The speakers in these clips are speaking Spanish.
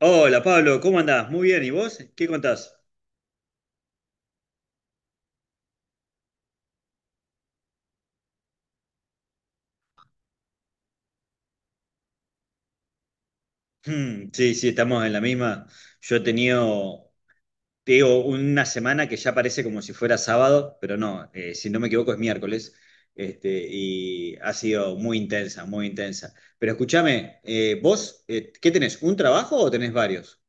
Hola Pablo, ¿cómo andás? Muy bien, ¿y vos? ¿Qué contás? Hmm, sí, sí, estamos en la misma. Yo he tenido, te digo, una semana que ya parece como si fuera sábado, pero no, si no me equivoco es miércoles, y ha sido muy intensa, muy intensa. Pero escúchame, vos, ¿qué tenés? ¿Un trabajo o tenés varios?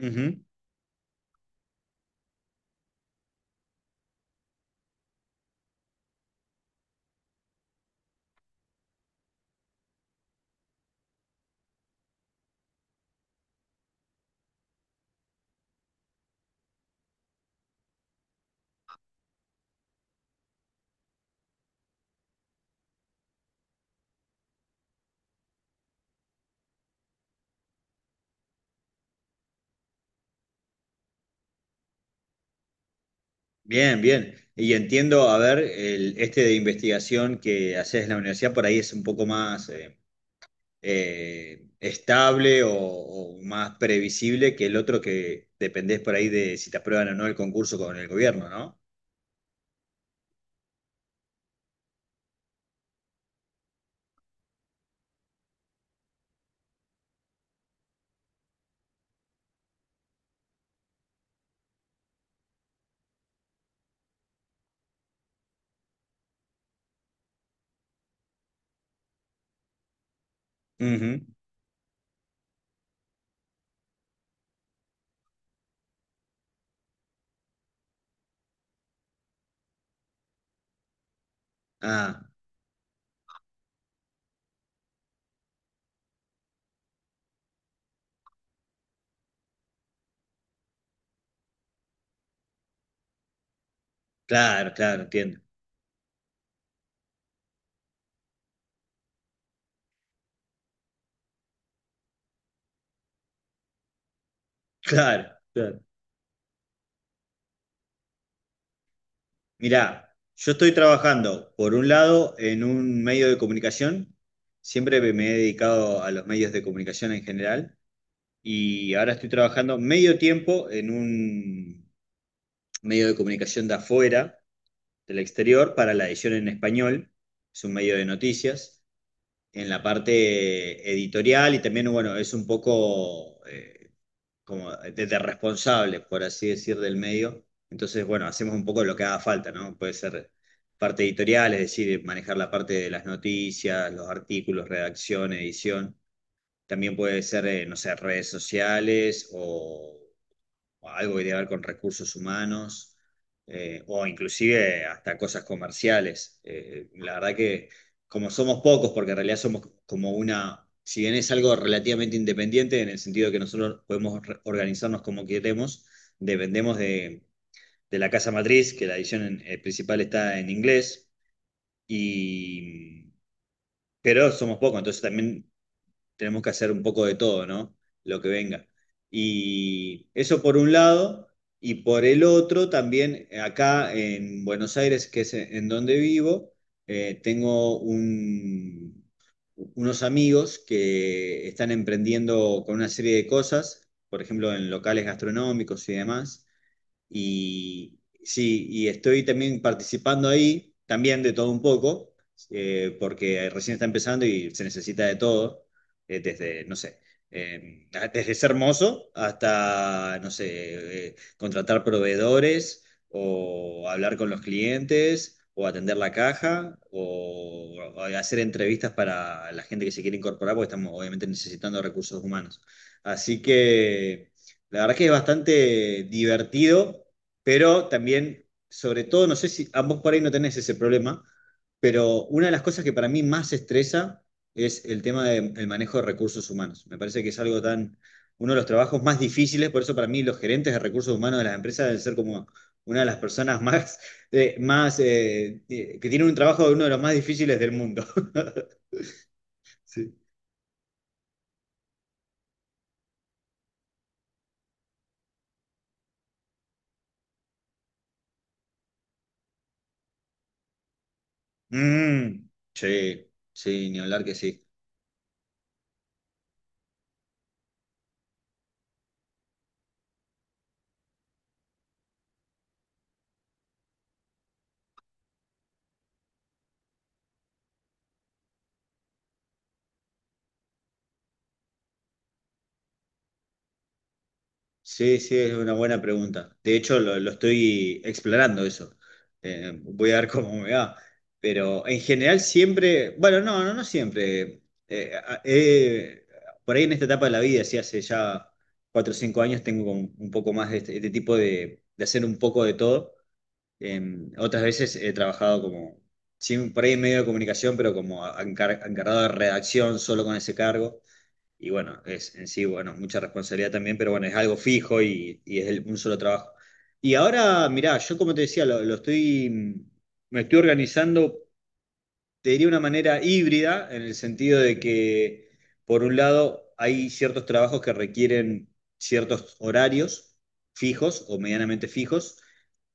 Ujú. Bien, bien. Y entiendo, a ver, el, este de investigación que haces en la universidad por ahí es un poco más, estable o más previsible que el otro que dependés por ahí de si te aprueban o no el concurso con el gobierno, ¿no? Ujú. Ah, claro, claro, entiendo. Claro, claro. Mirá, yo estoy trabajando, por un lado, en un medio de comunicación. Siempre me he dedicado a los medios de comunicación en general. Y ahora estoy trabajando medio tiempo en un medio de comunicación de afuera del exterior para la edición en español, es un medio de noticias, en la parte editorial y también, bueno, es un poco como de responsable, por así decir, del medio. Entonces, bueno, hacemos un poco lo que haga falta, ¿no? Puede ser parte editorial, es decir, manejar la parte de las noticias, los artículos, redacción, edición. También puede ser, no sé, redes sociales o algo que tiene que ver con recursos humanos, o inclusive hasta cosas comerciales. La verdad que como somos pocos, porque en realidad somos como una, si bien es algo relativamente independiente, en el sentido de que nosotros podemos organizarnos como queremos, dependemos de la casa matriz, que la edición principal está en inglés, y, pero somos pocos, entonces también tenemos que hacer un poco de todo, ¿no? Lo que venga. Y eso por un lado, y por el otro también acá en Buenos Aires, que es en donde vivo, tengo unos amigos que están emprendiendo con una serie de cosas, por ejemplo, en locales gastronómicos y demás. Y sí, y estoy también participando ahí, también de todo un poco, porque recién está empezando y se necesita de todo, desde, no sé, eh, desde ser mozo hasta, no sé, contratar proveedores o hablar con los clientes. O atender la caja, o hacer entrevistas para la gente que se quiere incorporar, porque estamos obviamente necesitando recursos humanos. Así que la verdad que es bastante divertido, pero también, sobre todo, no sé si ambos por ahí no tenés ese problema, pero una de las cosas que para mí más estresa es el tema del manejo de recursos humanos. Me parece que es algo tan, uno de los trabajos más difíciles, por eso para mí los gerentes de recursos humanos de las empresas deben ser como una de las personas más, que tienen un trabajo de uno de los más difíciles del mundo. Sí. Mm, sí, sí, ni hablar que sí. Sí, sí, es una buena pregunta. De hecho, lo estoy explorando eso. Voy a ver cómo me va. Pero en general siempre, bueno, no, no, no siempre. Por ahí en esta etapa de la vida, sí, hace ya 4 o 5 años tengo como un poco más de este tipo de hacer un poco de todo. Otras veces he trabajado como, sí, por ahí en medio de comunicación, pero como encargado de redacción, solo con ese cargo. Y bueno, es en sí, bueno, mucha responsabilidad también, pero bueno, es algo fijo y es un solo trabajo. Y ahora, mirá, yo como te decía, me estoy organizando te diría una manera híbrida, en el sentido de que, por un lado, hay ciertos trabajos que requieren ciertos horarios fijos o medianamente fijos,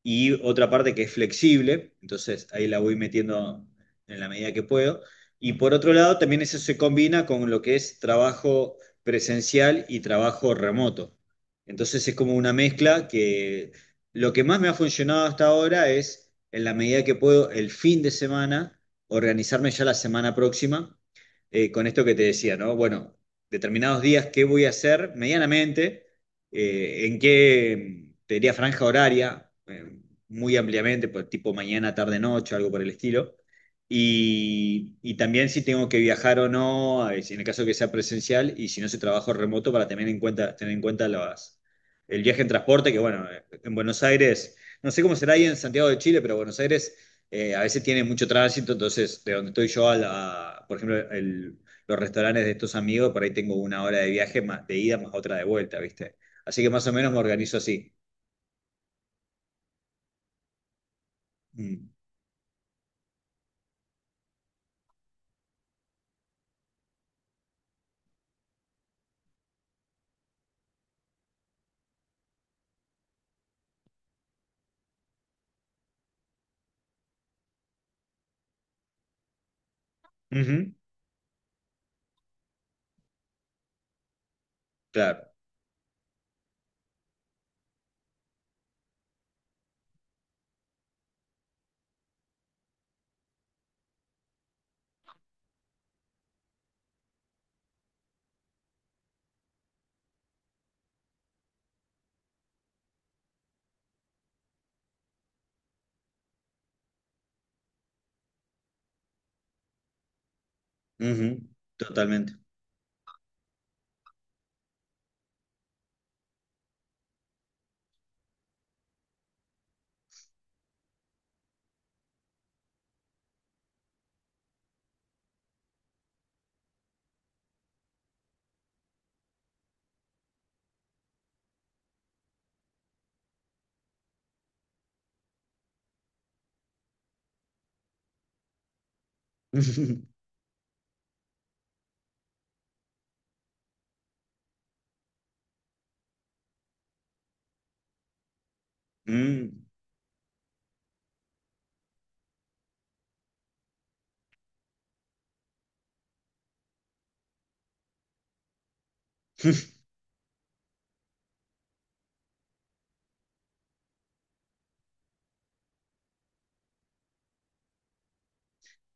y otra parte que es flexible, entonces ahí la voy metiendo en la medida que puedo. Y por otro lado, también eso se combina con lo que es trabajo presencial y trabajo remoto. Entonces es como una mezcla que lo que más me ha funcionado hasta ahora es, en la medida que puedo, el fin de semana organizarme ya la semana próxima con esto que te decía, ¿no? Bueno, determinados días, ¿qué voy a hacer medianamente? ¿En qué, te diría, franja horaria? Muy ampliamente, pues, tipo mañana, tarde, noche, algo por el estilo. Y también si tengo que viajar o no, si en el caso que sea presencial y si no, si trabajo remoto para tener en cuenta el viaje en transporte, que bueno, en Buenos Aires, no sé cómo será ahí en Santiago de Chile, pero Buenos Aires a veces tiene mucho tránsito, entonces de donde estoy yo a la, por ejemplo, los restaurantes de estos amigos, por ahí tengo una hora de viaje más de ida más otra de vuelta, ¿viste? Así que más o menos me organizo así. Mm. Ujú, claro. Ujú, totalmente. Mm.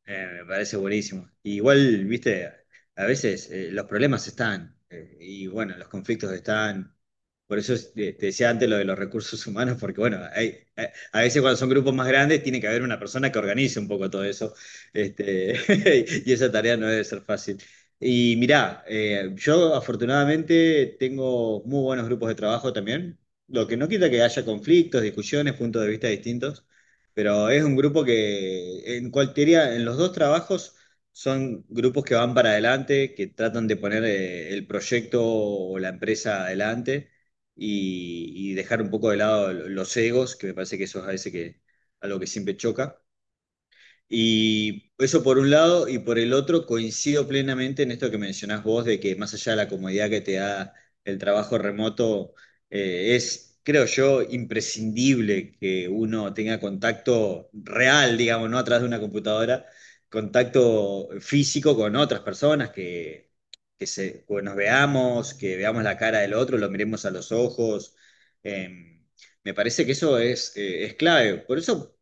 Me parece buenísimo. Y igual, viste, a veces los problemas están y bueno, los conflictos están. Por eso te decía antes lo de los recursos humanos, porque bueno, a veces cuando son grupos más grandes tiene que haber una persona que organice un poco todo eso. Este, y esa tarea no debe ser fácil. Y mirá, yo afortunadamente tengo muy buenos grupos de trabajo también, lo que no quita que haya conflictos, discusiones, puntos de vista distintos. Pero es un grupo que en cualquiera, en los dos trabajos son grupos que van para adelante, que tratan de poner el proyecto o la empresa adelante y dejar un poco de lado los egos, que me parece que eso es a veces que, algo que siempre choca. Y eso por un lado, y por el otro coincido plenamente en esto que mencionás vos, de que más allá de la comodidad que te da el trabajo remoto, creo yo, imprescindible que uno tenga contacto real, digamos, no atrás de una computadora, contacto físico con otras personas, que se, que nos veamos, que veamos la cara del otro, lo miremos a los ojos. em, me parece que eso es clave. Por eso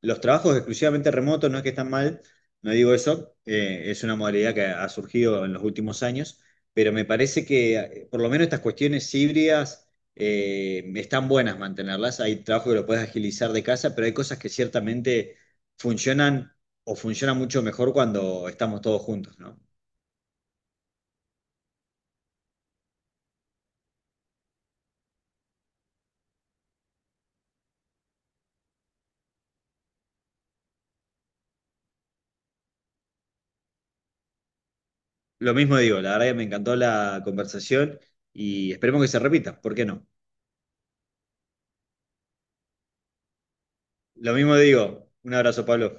los trabajos exclusivamente remotos no es que están mal, no digo eso, es una modalidad que ha surgido en los últimos años, pero me parece que por lo menos estas cuestiones híbridas están buenas mantenerlas. Hay trabajo que lo puedes agilizar de casa, pero hay cosas que ciertamente funcionan o funcionan mucho mejor cuando estamos todos juntos, ¿no? Lo mismo digo, la verdad que me encantó la conversación y esperemos que se repita, ¿por qué no? Lo mismo digo, un abrazo, Pablo.